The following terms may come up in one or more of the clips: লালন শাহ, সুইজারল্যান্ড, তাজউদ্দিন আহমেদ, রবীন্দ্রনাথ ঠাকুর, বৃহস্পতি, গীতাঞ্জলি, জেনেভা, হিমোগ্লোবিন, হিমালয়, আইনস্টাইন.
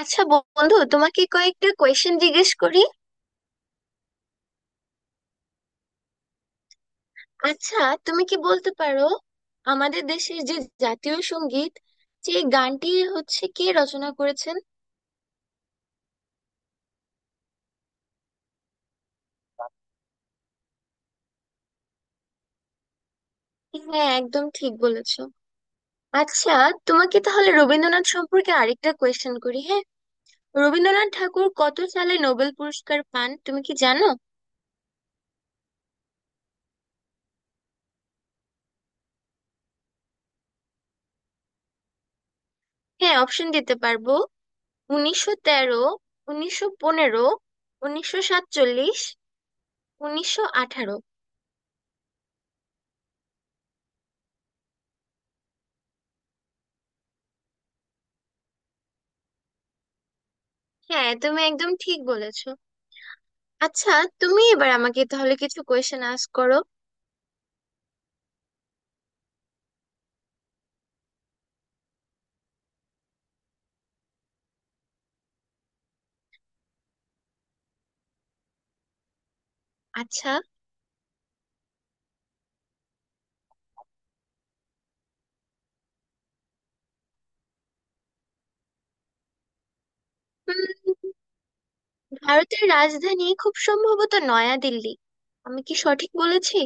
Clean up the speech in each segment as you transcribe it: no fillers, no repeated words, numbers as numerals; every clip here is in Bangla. আচ্ছা, বন্ধু তোমাকে কয়েকটা কোয়েশ্চেন জিজ্ঞেস করি। আচ্ছা, তুমি কি বলতে পারো আমাদের দেশের যে জাতীয় সঙ্গীত সেই গানটি হচ্ছে কে রচনা করেছেন? হ্যাঁ, একদম ঠিক বলেছো। আচ্ছা, তোমাকে তাহলে রবীন্দ্রনাথ সম্পর্কে আরেকটা কোয়েশ্চেন করি। হ্যাঁ, রবীন্দ্রনাথ ঠাকুর কত সালে নোবেল পুরস্কার পান তুমি কি জানো? হ্যাঁ, অপশন দিতে পারবো। 1913, 1915, 1947, 1918। হ্যাঁ, তুমি একদম ঠিক বলেছো। আচ্ছা, তুমি এবার আমাকে তাহলে কিছু কোয়েশ্চেন আস্ক করো। আচ্ছা। উম, ভারতের রাজধানী খুব সম্ভবত নয়াদিল্লি। আমি কি সঠিক বলেছি?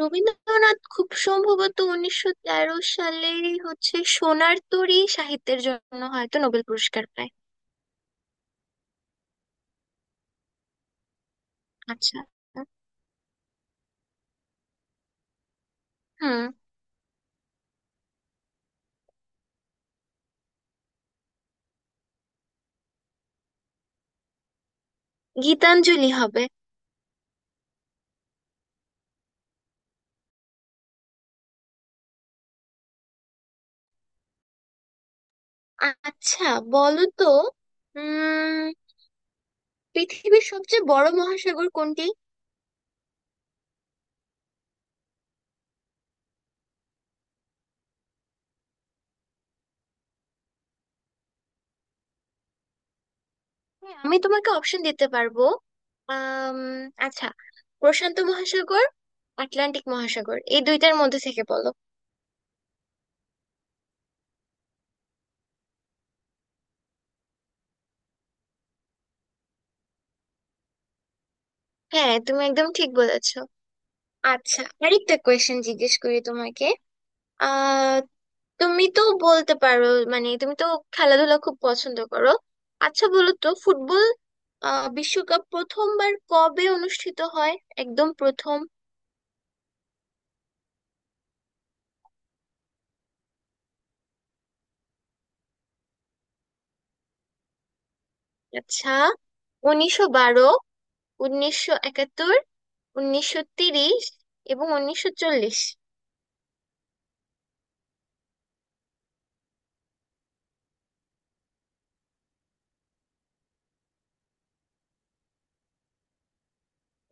রবীন্দ্রনাথ খুব সম্ভবত 1913 সালে হচ্ছে সোনার তরী সাহিত্যের জন্য হয়তো নোবেল পুরস্কার পায়। আচ্ছা। হুম। গীতাঞ্জলি হবে। আচ্ছা, বলো তো উম পৃথিবীর সবচেয়ে বড় মহাসাগর কোনটি? হ্যাঁ, আমি তোমাকে অপশন দিতে পারবো। আম, আচ্ছা। প্রশান্ত মহাসাগর, আটলান্টিক মহাসাগর, এই দুইটার মধ্যে থেকে বলো। হ্যাঁ, তুমি একদম ঠিক বলেছো। আচ্ছা, আরেকটা কোয়েশ্চেন জিজ্ঞেস করি তোমাকে। আহ তুমি তো বলতে পারো, মানে তুমি তো খেলাধুলা খুব পছন্দ করো। আচ্ছা, বলো তো ফুটবল বিশ্বকাপ প্রথমবার কবে অনুষ্ঠিত হয়? একদম প্রথম। আচ্ছা, 1912, 1971, 1930 এবং 1940।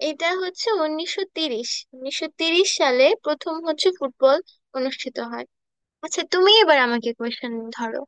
এটা হচ্ছে 1930। 1930 সালে প্রথম হচ্ছে ফুটবল অনুষ্ঠিত হয়। আচ্ছা, তুমি এবার আমাকে কোশ্চেন ধরো।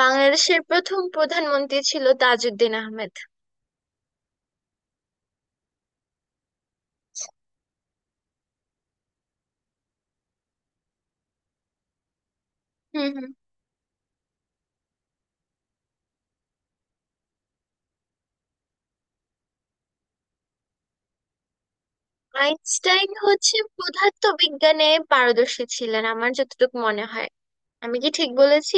বাংলাদেশের প্রথম প্রধানমন্ত্রী ছিল তাজউদ্দিন আহমেদ। হুম হুম। আইনস্টাইন হচ্ছে পদার্থ বিজ্ঞানে পারদর্শী ছিলেন আমার যতটুকু মনে হয়। আমি কি ঠিক বলেছি?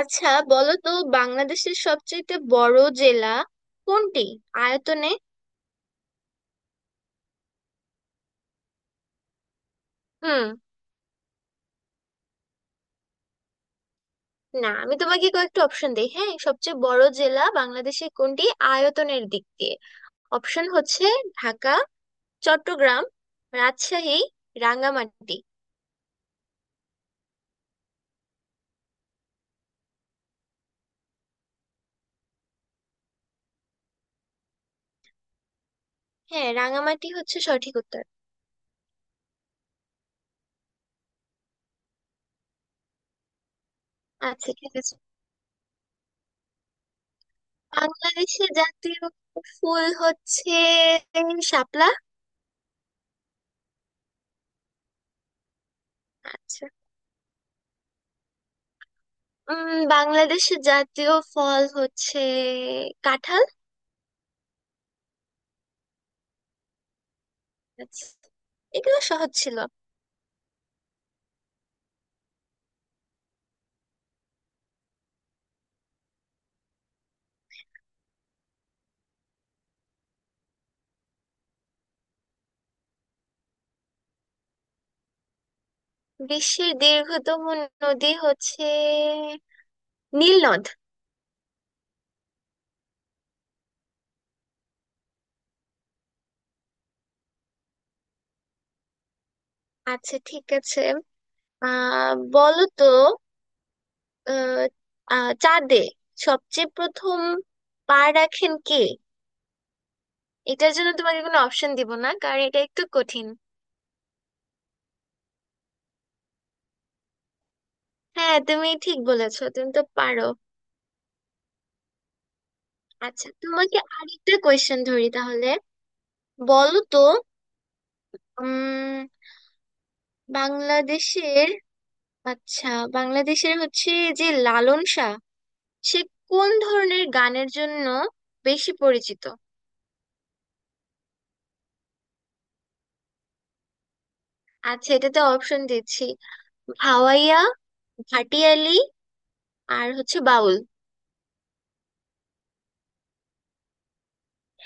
আচ্ছা, বলো তো বাংলাদেশের সবচেয়ে বড় জেলা কোনটি আয়তনে? হুম। না, আমি তোমাকে কয়েকটা অপশন দেই। হ্যাঁ, সবচেয়ে বড় জেলা বাংলাদেশে কোনটি আয়তনের দিক দিয়ে? অপশন হচ্ছে ঢাকা, চট্টগ্রাম, রাজশাহী, রাঙ্গামাটি। হ্যাঁ, রাঙ্গামাটি হচ্ছে সঠিক উত্তর। আচ্ছা, ঠিক আছে। বাংলাদেশের জাতীয় ফুল হচ্ছে শাপলা। আচ্ছা। বাংলাদেশের জাতীয় ফল হচ্ছে কাঁঠাল। আচ্ছা, এগুলো সহজ ছিল। বিশ্বের দীর্ঘতম নদী হচ্ছে নীল নদ। আচ্ছা, ঠিক আছে। বলো তো, আহ, আহ, চাঁদে সবচেয়ে প্রথম পা রাখেন কে? এটার জন্য তোমাকে কোনো অপশন দিব না কারণ এটা একটু কঠিন। হ্যাঁ, তুমি ঠিক বলেছো, তুমি তো পারো। আচ্ছা, তোমাকে আরেকটা কোয়েশ্চেন ধরি তাহলে। বলো তো উম বাংলাদেশের আচ্ছা বাংলাদেশের হচ্ছে যে লালন শাহ সে কোন ধরনের গানের জন্য বেশি পরিচিত? আচ্ছা, এটাতে অপশন দিচ্ছি। ভাওয়াইয়া, হাটিয়ালি আর হচ্ছে বাউল।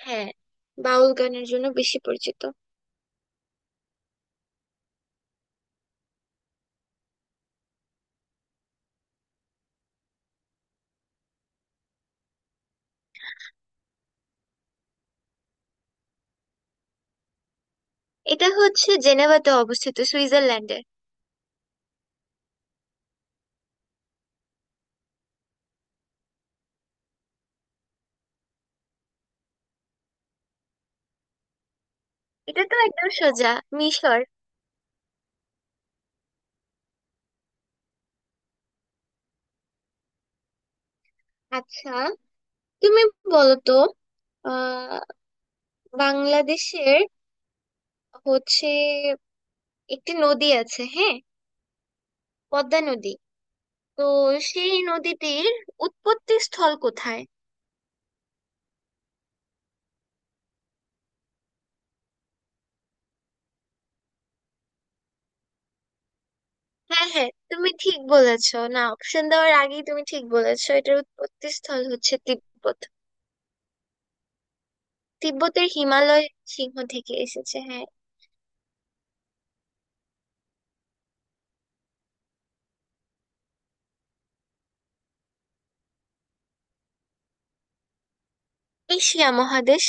হ্যাঁ, বাউল গানের জন্য বেশি পরিচিত। এটা হচ্ছে জেনেভাতে অবস্থিত সুইজারল্যান্ডে। এটা তো একদম সোজা। মিশর। আচ্ছা, তুমি বলো তো আহ বাংলাদেশের হচ্ছে একটি নদী আছে, হ্যাঁ পদ্মা নদী। তো সেই নদীটির উৎপত্তি স্থল কোথায়? হ্যাঁ, হ্যাঁ তুমি ঠিক বলেছো, না অপশন দেওয়ার আগেই তুমি ঠিক বলেছো। এটার উৎপত্তি স্থল হচ্ছে তিব্বত। তিব্বতের হিমালয় সিংহ থেকে এসেছে, হ্যাঁ। এশিয়া মহাদেশ।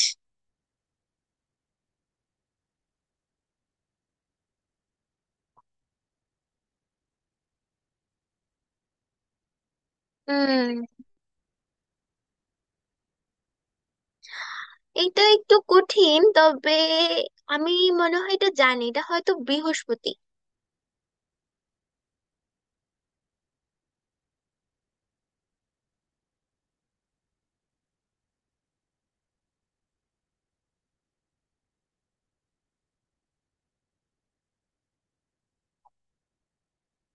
হুম। এটা একটু কঠিন, তবে আমি মনে হয় এটা জানি। এটা হয়তো বৃহস্পতি।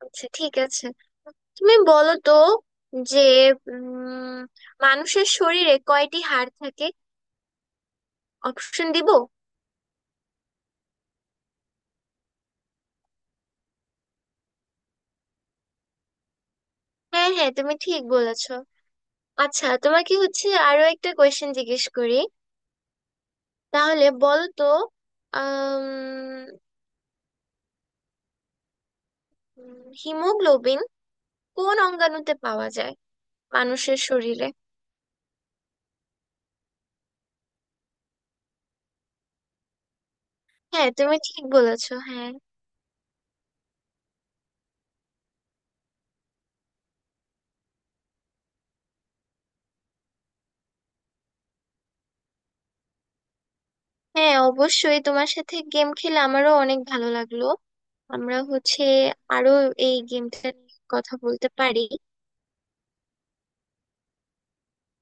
আচ্ছা, ঠিক আছে। তুমি বলো তো যে উম মানুষের শরীরে কয়টি হাড় থাকে? অপশন দিব? হ্যাঁ, হ্যাঁ তুমি ঠিক বলেছো। আচ্ছা, তোমাকে হচ্ছে আরো একটা কোয়েশ্চেন জিজ্ঞেস করি। তাহলে বলো তো আহ হিমোগ্লোবিন কোন অঙ্গাণুতে পাওয়া যায় মানুষের শরীরে? হ্যাঁ, তুমি ঠিক বলেছো, হ্যাঁ। হ্যাঁ, অবশ্যই তোমার সাথে গেম খেলে আমারও অনেক ভালো লাগলো। আমরা হচ্ছে আরো এই গেমটা নিয়ে কথা বলতে পারি।